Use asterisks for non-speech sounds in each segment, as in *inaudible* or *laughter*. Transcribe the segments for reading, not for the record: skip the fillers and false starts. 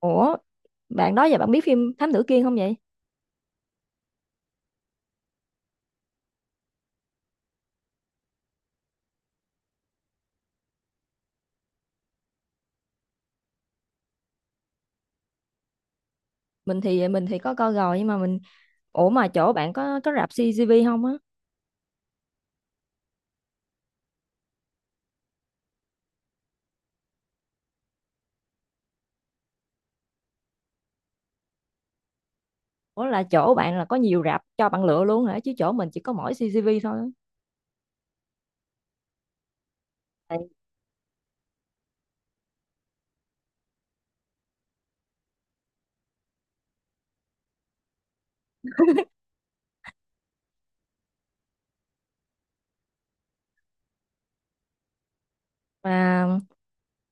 Ủa, bạn đó giờ bạn biết phim Thám Tử Kiên không vậy? Mình thì có coi rồi nhưng mà mình ủa mà chỗ bạn có rạp CGV không á? Ủa là chỗ bạn là có nhiều rạp cho bạn lựa luôn hả? Chứ chỗ mình chỉ có mỗi CGV thôi á. Tại mà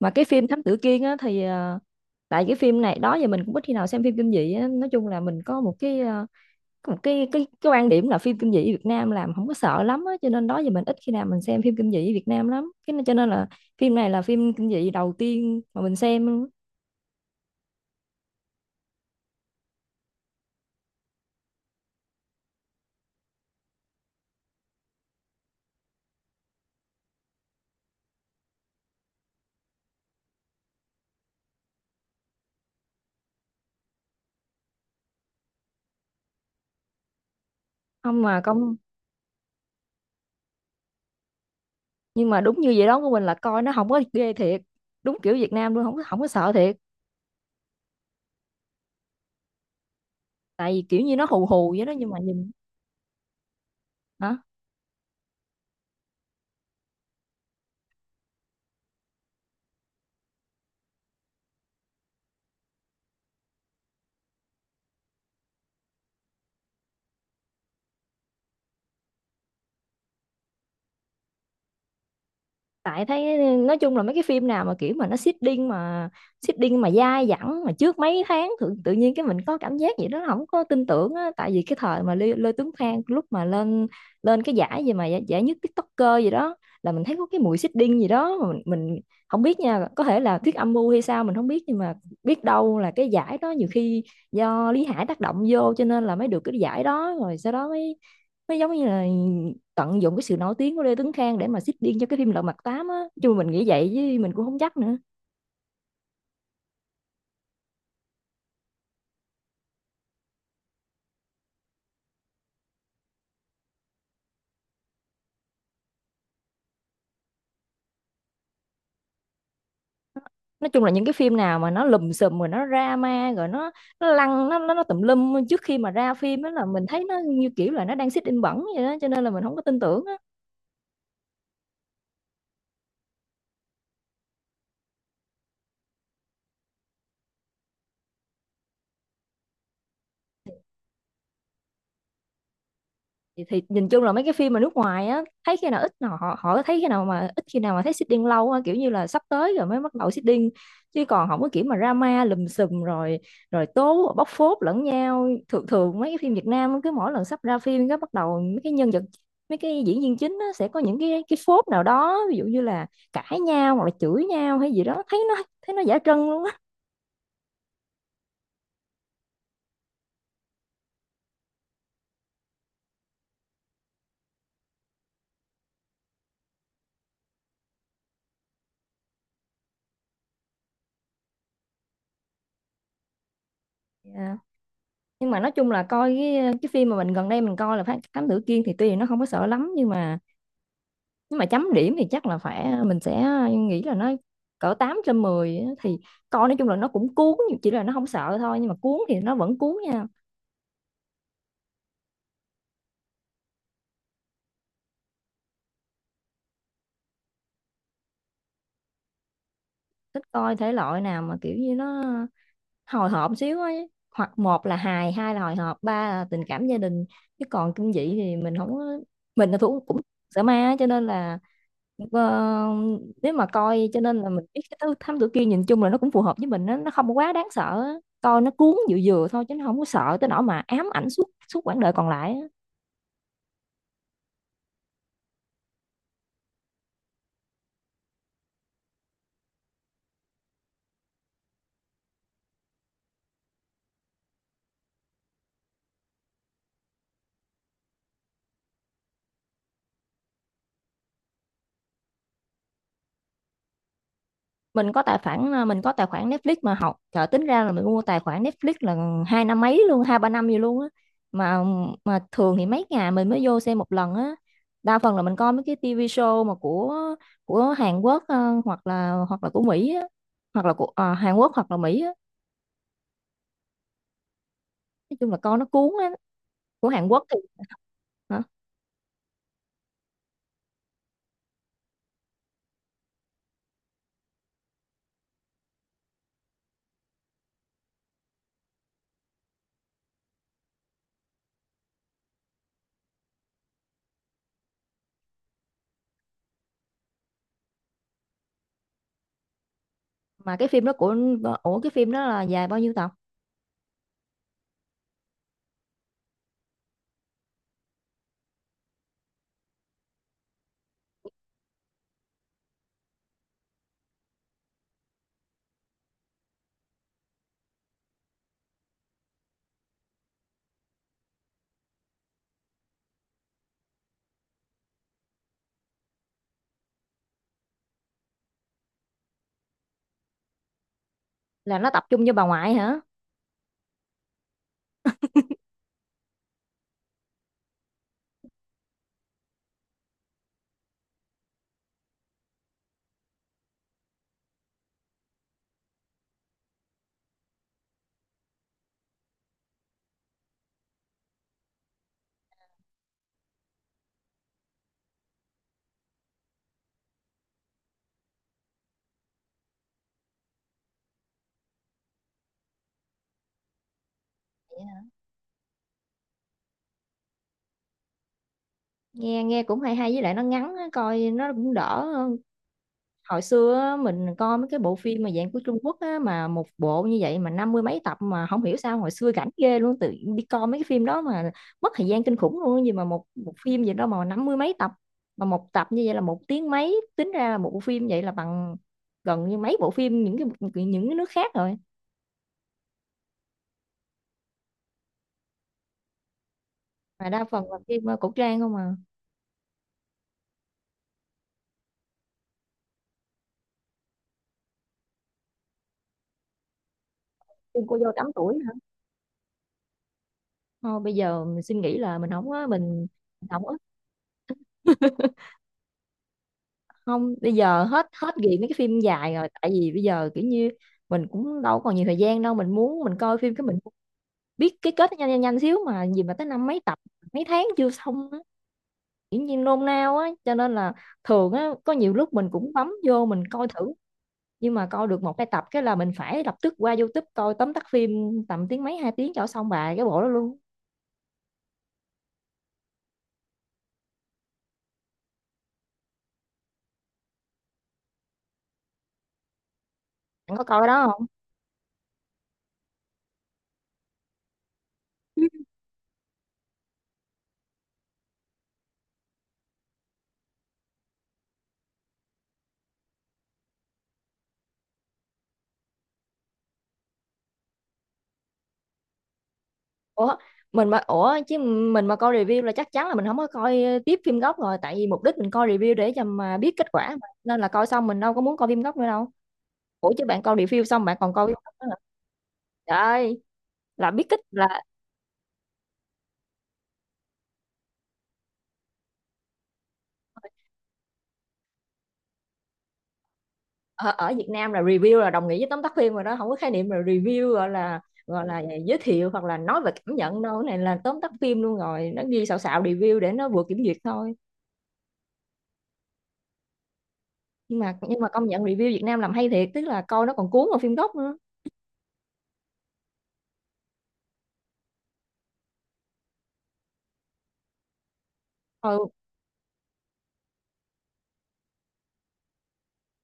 mà cái phim Thám Tử Kiên á thì tại cái phim này đó giờ mình cũng ít khi nào xem phim kinh dị á, nói chung là mình có một cái có một cái quan điểm là phim kinh dị Việt Nam làm không có sợ lắm á, cho nên đó giờ mình ít khi nào mình xem phim kinh dị Việt Nam lắm. Cái nên cho nên là phim này là phim kinh dị đầu tiên mà mình xem luôn á. Không mà công nhưng mà đúng như vậy đó của mình là coi nó không có ghê thiệt, đúng kiểu Việt Nam luôn, không có sợ thiệt. Tại vì kiểu như nó hù hù vậy đó nhưng mà nhìn. Hả? Tại thấy nói chung là mấy cái phim nào mà kiểu mà nó seeding mà dai dẳng mà trước mấy tháng tự nhiên cái mình có cảm giác gì đó không có tin tưởng á. Tại vì cái thời mà Lê Tuấn Khang lúc mà lên lên cái giải gì mà giải nhất TikToker gì đó là mình thấy có cái mùi seeding gì đó mà mình không biết nha, có thể là thuyết âm mưu hay sao mình không biết nhưng mà biết đâu là cái giải đó nhiều khi do Lý Hải tác động vô cho nên là mới được cái giải đó, rồi sau đó mới, nó giống như là tận dụng cái sự nổi tiếng của Lê Tuấn Khang để mà xích điên cho cái phim Lật Mặt Tám á, chứ mình nghĩ vậy chứ mình cũng không chắc nữa. Nói chung là những cái phim nào mà nó lùm xùm rồi nó drama rồi nó lăn nó tùm lum trước khi mà ra phim á là mình thấy nó như kiểu là nó đang xích in bẩn vậy đó cho nên là mình không có tin tưởng á. Thì nhìn chung là mấy cái phim mà nước ngoài á thấy khi nào ít nào họ họ thấy khi nào mà ít khi nào mà thấy seeding lâu á, kiểu như là sắp tới rồi mới bắt đầu seeding chứ còn không có kiểu mà drama lùm xùm rồi rồi tố bóc phốt lẫn nhau. Thường thường mấy cái phim Việt Nam cứ mỗi lần sắp ra phim cái bắt đầu mấy cái nhân vật, mấy cái diễn viên chính á, sẽ có những cái phốt nào đó, ví dụ như là cãi nhau hoặc là chửi nhau hay gì đó, thấy nó giả trân luôn á. Dạ. Nhưng mà nói chung là coi cái phim mà mình gần đây mình coi là Thám Tử Kiên thì tuy là nó không có sợ lắm nhưng mà chấm điểm thì chắc là phải mình sẽ nghĩ là nó cỡ 8 trên 10 á, thì coi nói chung là nó cũng cuốn, chỉ là nó không sợ thôi nhưng mà cuốn thì nó vẫn cuốn nha. Thích coi thể loại nào mà kiểu như nó hồi hộp xíu ấy, hoặc một là hài, hai là hồi hộp, ba là tình cảm gia đình, chứ còn kinh dị thì mình không có- mình là thủ cũng sợ ma á, cho nên là ờ, nếu mà coi, cho nên là mình biết cái thứ thám tử kia nhìn chung là nó cũng phù hợp với mình, nó không có quá đáng sợ á. Coi nó cuốn vừa vừa thôi chứ nó không có sợ tới nỗi mà ám ảnh suốt suốt quãng đời còn lại á. Mình có tài khoản Netflix mà học trời, tính ra là mình mua tài khoản Netflix là hai năm mấy luôn, hai ba năm gì luôn á. Mà mà thường thì mấy ngày mình mới vô xem một lần á, đa phần là mình coi mấy cái TV show mà của Hàn Quốc hoặc là của Mỹ á, hoặc là của Hàn Quốc hoặc là Mỹ á, nói chung là coi nó cuốn á. Của Hàn Quốc thì. Hả? Mà cái phim đó của ủa Cái phim đó là dài bao nhiêu tập? Là nó tập trung cho bà ngoại hả? Nghe nghe cũng hay hay, với lại nó ngắn á, coi nó cũng đỡ. Hồi xưa á, mình coi mấy cái bộ phim mà dạng của Trung Quốc á, mà một bộ như vậy mà năm mươi mấy tập, mà không hiểu sao hồi xưa rảnh ghê luôn, tự đi coi mấy cái phim đó mà mất thời gian kinh khủng luôn á. Gì mà một một phim gì đó mà năm mươi mấy tập, mà một tập như vậy là một tiếng mấy, tính ra là một bộ phim vậy là bằng gần như mấy bộ phim những cái, nước khác rồi, mà đa phần là phim cổ trang không à. Phim cô dâu tám tuổi hả? Thôi bây giờ mình suy nghĩ là mình không á, mình không á, không bây giờ hết hết nghiện mấy cái phim dài rồi, tại vì bây giờ kiểu như mình cũng đâu còn nhiều thời gian đâu, mình muốn mình coi phim cái mình biết cái kết nó nhanh nhanh nhanh xíu mà gì mà tới năm mấy tập mấy tháng chưa xong á, kiểu như nôn nao á, cho nên là thường á có nhiều lúc mình cũng bấm vô mình coi thử nhưng mà coi được một hai tập cái là mình phải lập tức qua YouTube coi tóm tắt phim tầm tiếng mấy hai tiếng cho xong bài cái bộ đó luôn. Bạn có coi đó không? Ủa, mình mà ủa chứ mình mà coi review là chắc chắn là mình không có coi tiếp phim gốc rồi, tại vì mục đích mình coi review để cho mà biết kết quả mà, nên là coi xong mình đâu có muốn coi phim gốc nữa đâu. Ủa chứ bạn coi review xong bạn còn coi phim gốc nữa hả? Trời ơi, là biết kích là ở Việt Nam là review là đồng nghĩa với tóm tắt phim rồi đó, không có khái niệm là review gọi là giới thiệu hoặc là nói về cảm nhận đâu, cái này là tóm tắt phim luôn rồi, nó ghi xạo xạo review để nó vừa kiểm duyệt thôi. Nhưng mà công nhận review Việt Nam làm hay thiệt, tức là coi nó còn cuốn vào phim gốc nữa. Ừ,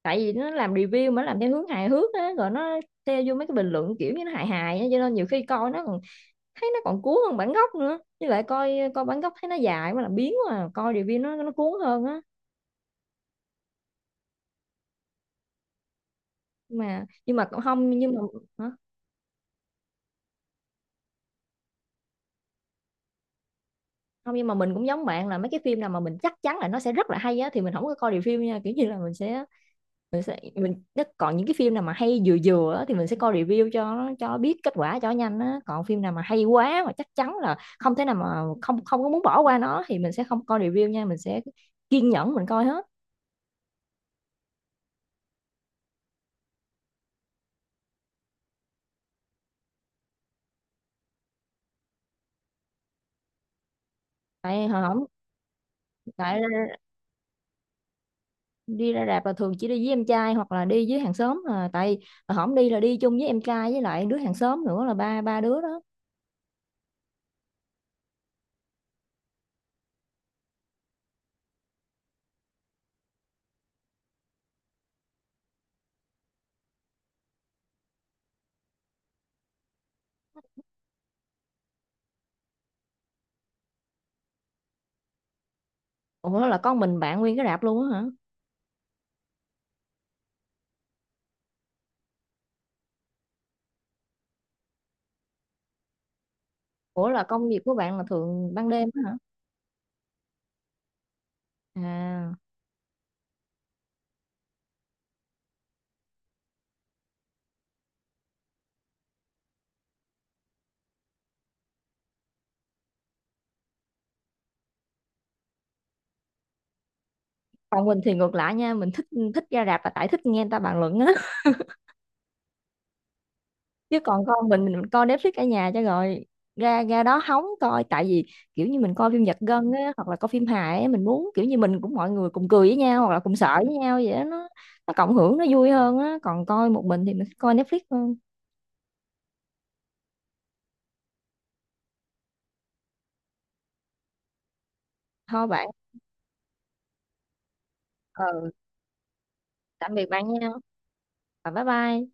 tại vì nó làm review mà nó làm theo hướng hài hước á rồi nó theo vô mấy cái bình luận kiểu như nó hài hài á, cho nên nhiều khi coi nó còn thấy nó còn cuốn hơn bản gốc nữa, với lại coi coi bản gốc thấy nó dài quá là biến quá à, coi review nó cuốn hơn á, nhưng mà cũng không nhưng mà. Hả? Không, nhưng mà mình cũng giống bạn là mấy cái phim nào mà mình chắc chắn là nó sẽ rất là hay á thì mình không có coi review nha, kiểu như là mình sẽ mình nó còn những cái phim nào mà hay vừa vừa á, thì mình sẽ coi review cho nó- cho biết kết quả cho nhanh á, còn phim nào mà hay quá mà chắc chắn là không thể nào mà không không có muốn bỏ qua nó thì mình sẽ không coi review nha, mình sẽ kiên nhẫn mình coi hết. Tại hồi hổng Tại đi ra rạp là thường chỉ đi với em trai hoặc là đi với hàng xóm à, tại hồi hổng đi là đi chung với em trai với lại đứa hàng xóm nữa là ba ba đứa đó. Ủa là con mình bạn nguyên cái rạp luôn á hả? Ủa là công việc của bạn là thường ban đêm á hả? À, còn mình thì ngược lại nha, mình thích thích ra rạp là tại thích nghe người ta bàn luận á, *laughs* chứ còn con mình coi Netflix ở nhà cho rồi, ra ra đó hóng coi tại vì kiểu như mình coi phim giật gân á hoặc là coi phim hài á, mình muốn kiểu như mình cũng mọi người cùng cười với nhau hoặc là cùng sợ với nhau vậy đó, nó cộng hưởng nó vui hơn á, còn coi một mình thì mình thích coi Netflix hơn. Thôi bạn, ừ, tạm biệt bạn nha, và bye bye.